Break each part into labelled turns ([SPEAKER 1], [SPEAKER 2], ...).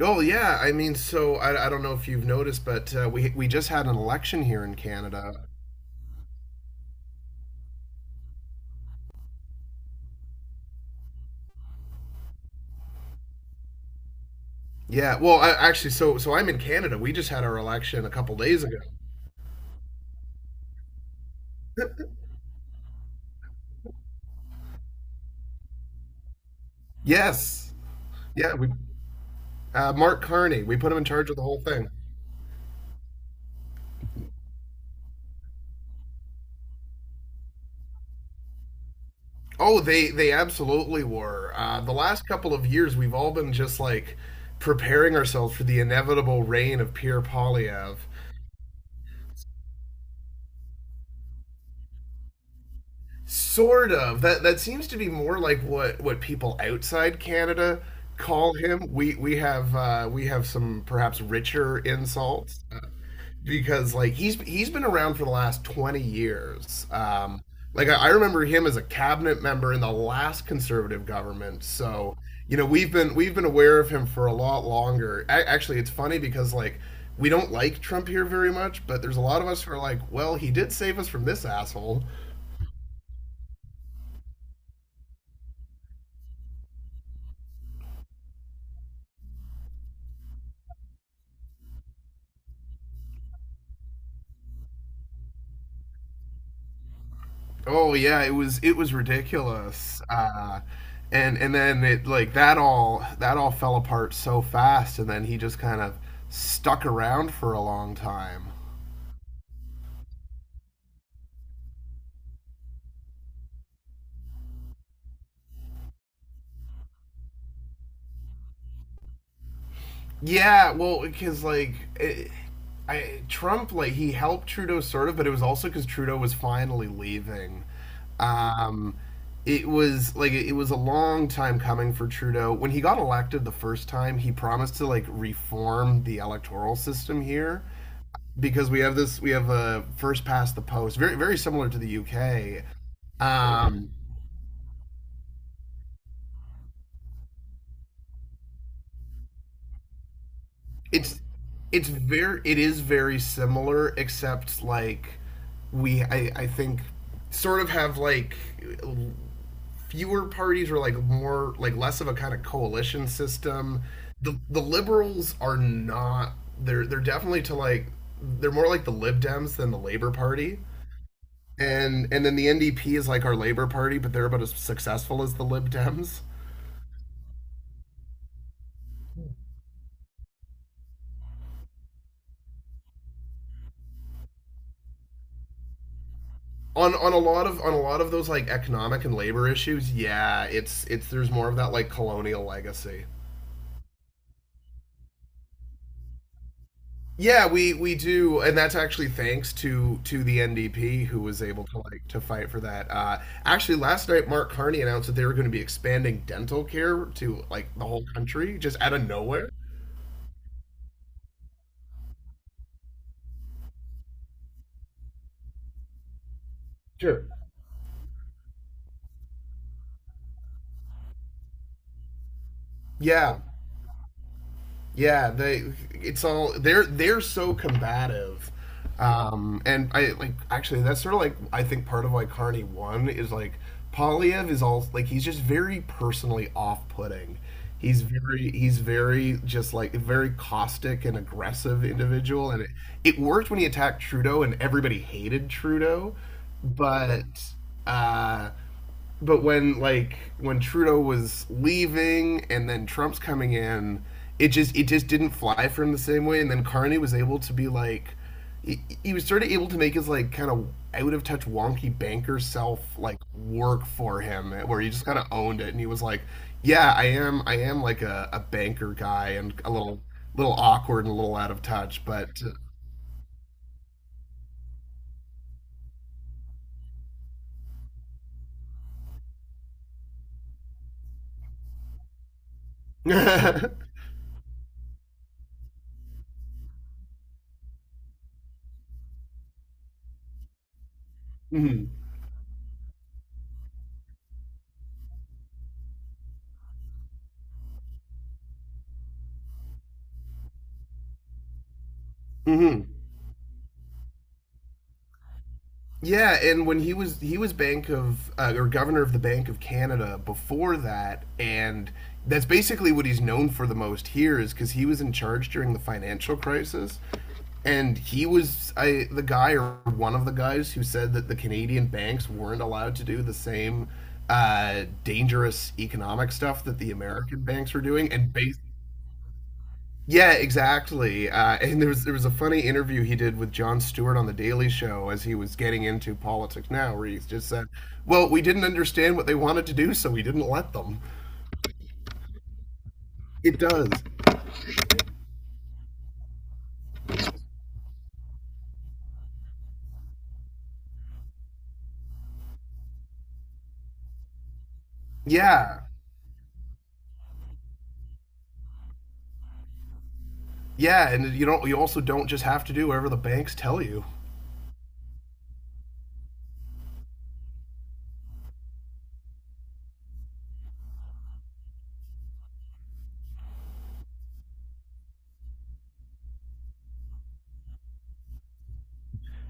[SPEAKER 1] Oh yeah, I mean, so I don't know if you've noticed, but we just had an election here in Canada. Yeah, well, actually, so I'm in Canada. We just had our election a couple days ago. Yes, yeah, we Mark Carney. We put him in charge of the whole thing. Oh, they absolutely were. The last couple of years, we've all been just like preparing ourselves for the inevitable reign of Pierre Polyev. Sort of. That seems to be more like what people outside Canada call him. We have we have some perhaps richer insults, because like he's been around for the last 20 years. Like I remember him as a cabinet member in the last conservative government. So, you know, we've been aware of him for a lot longer. A actually, it's funny because like we don't like Trump here very much, but there's a lot of us who are like, well, he did save us from this asshole. Oh yeah, it was ridiculous. And then it like that all fell apart so fast, and then he just kind of stuck around for a long time. Yeah, well, because it, Trump, like he helped Trudeau sort of, but it was also because Trudeau was finally leaving. Um, it was like it was a long time coming for Trudeau. When he got elected the first time, he promised to like reform the electoral system here because we have a first past the post very very similar to the UK. Um, it's it's very it is very similar except like I think sort of have like fewer parties or like more like less of a kind of coalition system. The liberals are not they're definitely to like they're more like the Lib Dems than the Labor Party. And then the NDP is like our Labor Party, but they're about as successful as the Lib Dems. On a lot of those like economic and labor issues, yeah, it's there's more of that like colonial legacy. Yeah, we do, and that's actually thanks to the NDP, who was able to like to fight for that. uh, actually, last night Mark Carney announced that they were going to be expanding dental care to like the whole country just out of nowhere. Sure. yeah Yeah, they it's all they're so combative. And I like, actually, that's sort of like I think part of why Carney won is like Polyev is all like he's just very personally off putting. He's very just like a very caustic and aggressive individual, and it worked when he attacked Trudeau and everybody hated Trudeau, but uh when Trudeau was leaving and then Trump's coming in, it just didn't fly for him the same way. And then Carney was able to be like, he was sort of able to make his like kind of out of touch wonky banker self like work for him, eh, where he just kind of owned it and he was like, yeah, I am like a banker guy and a little little awkward and a little out of touch, but. hmm hmm Yeah, and when he was Bank of or Governor of the Bank of Canada before that, and that's basically what he's known for the most here is because he was in charge during the financial crisis, and the guy or one of the guys who said that the Canadian banks weren't allowed to do the same dangerous economic stuff that the American banks were doing, and based yeah, exactly. And there was a funny interview he did with Jon Stewart on the Daily Show as he was getting into politics now, where he just said, "Well, we didn't understand what they wanted to do, so we didn't let them." It does. Yeah, yeah, and you don't. You also don't just have to do whatever the banks tell you.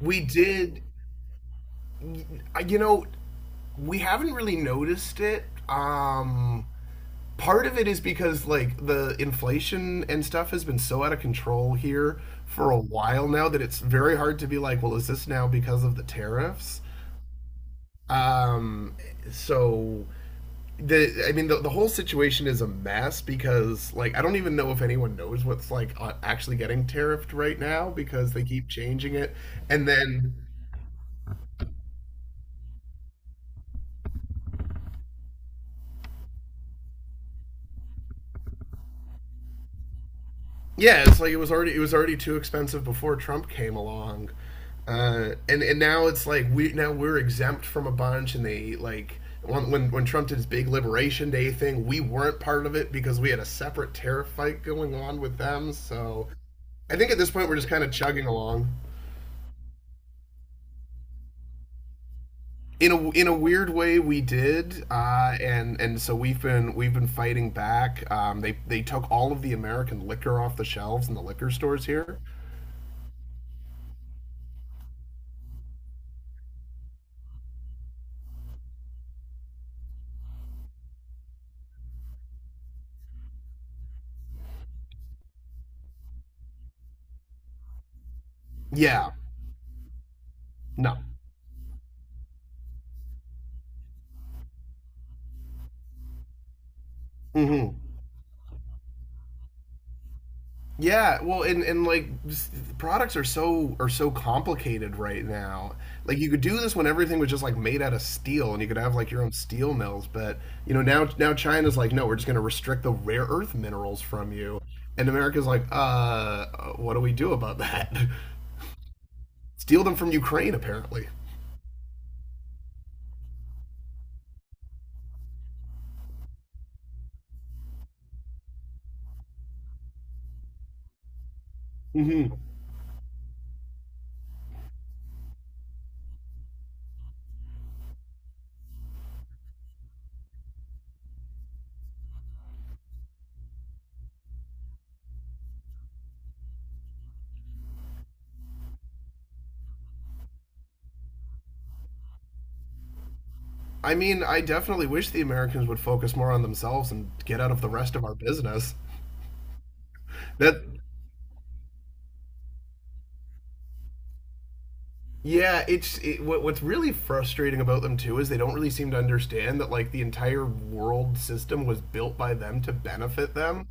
[SPEAKER 1] We did. You know, we haven't really noticed it. Part of it is because like the inflation and stuff has been so out of control here for a while now that it's very hard to be like, well, is this now because of the tariffs? Um, so the I mean the whole situation is a mess because like I don't even know if anyone knows what's like actually getting tariffed right now because they keep changing it, and then yeah, it's like it was already too expensive before Trump came along, and now we're exempt from a bunch, and they like when Trump did his big Liberation Day thing, we weren't part of it because we had a separate tariff fight going on with them. So I think at this point we're just kind of chugging along. In a weird way, we did. Uh, and so we've been fighting back. They took all of the American liquor off the shelves in the liquor stores here. Yeah, no, mm-hmm. Yeah, well, products are so complicated right now. Like you could do this when everything was just like made out of steel, and you could have like your own steel mills. But you know now China's like, no, we're just going to restrict the rare earth minerals from you, and America's like, what do we do about that? Steal them from Ukraine, apparently. Hmm I mean, I definitely wish the Americans would focus more on themselves and get out of the rest of our business. That Yeah, what's really frustrating about them too is they don't really seem to understand that like the entire world system was built by them to benefit them,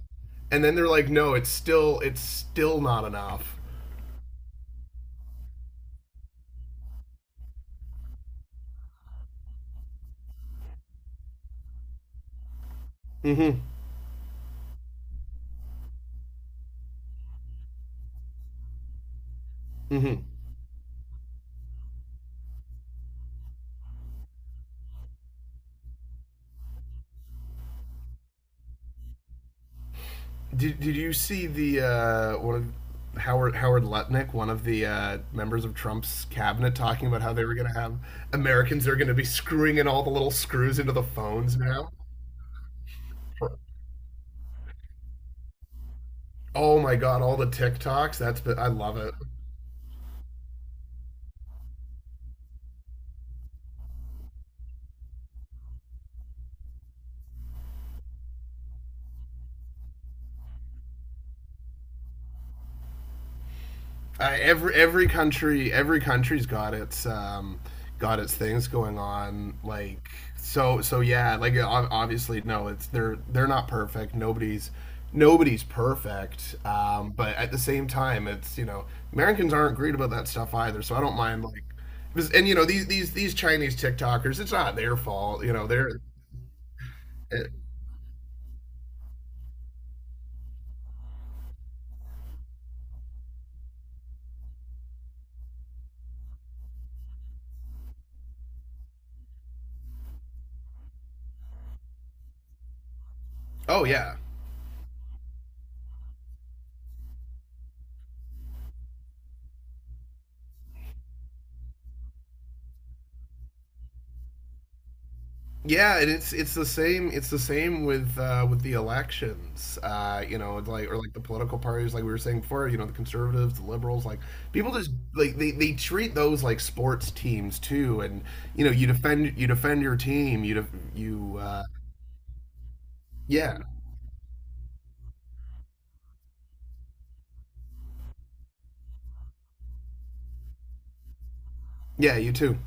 [SPEAKER 1] and then they're like, no, it's still not enough. Mm-hmm. Mm-hmm. Did you see the one of Howard Howard Lutnick, one of the members of Trump's cabinet, talking about how they were going to have Americans that are going to be screwing in all the little screws into the phones now? Oh my God, all the TikToks. That's I love it. Every country 's got its things going on. Like so so yeah. Like obviously no, it's they're not perfect. Nobody's perfect. But at the same time, it's you know Americans aren't great about that stuff either. So I don't mind like. And you know these these Chinese TikTokers, it's not their fault. You know it, oh yeah. Yeah, and it's it's the same with the elections, you know, it's like or like the political parties, like we were saying before, you know, the conservatives, the liberals, like people just like they treat those like sports teams too, and you know, you defend your team, you def- you yeah. Yeah, you too.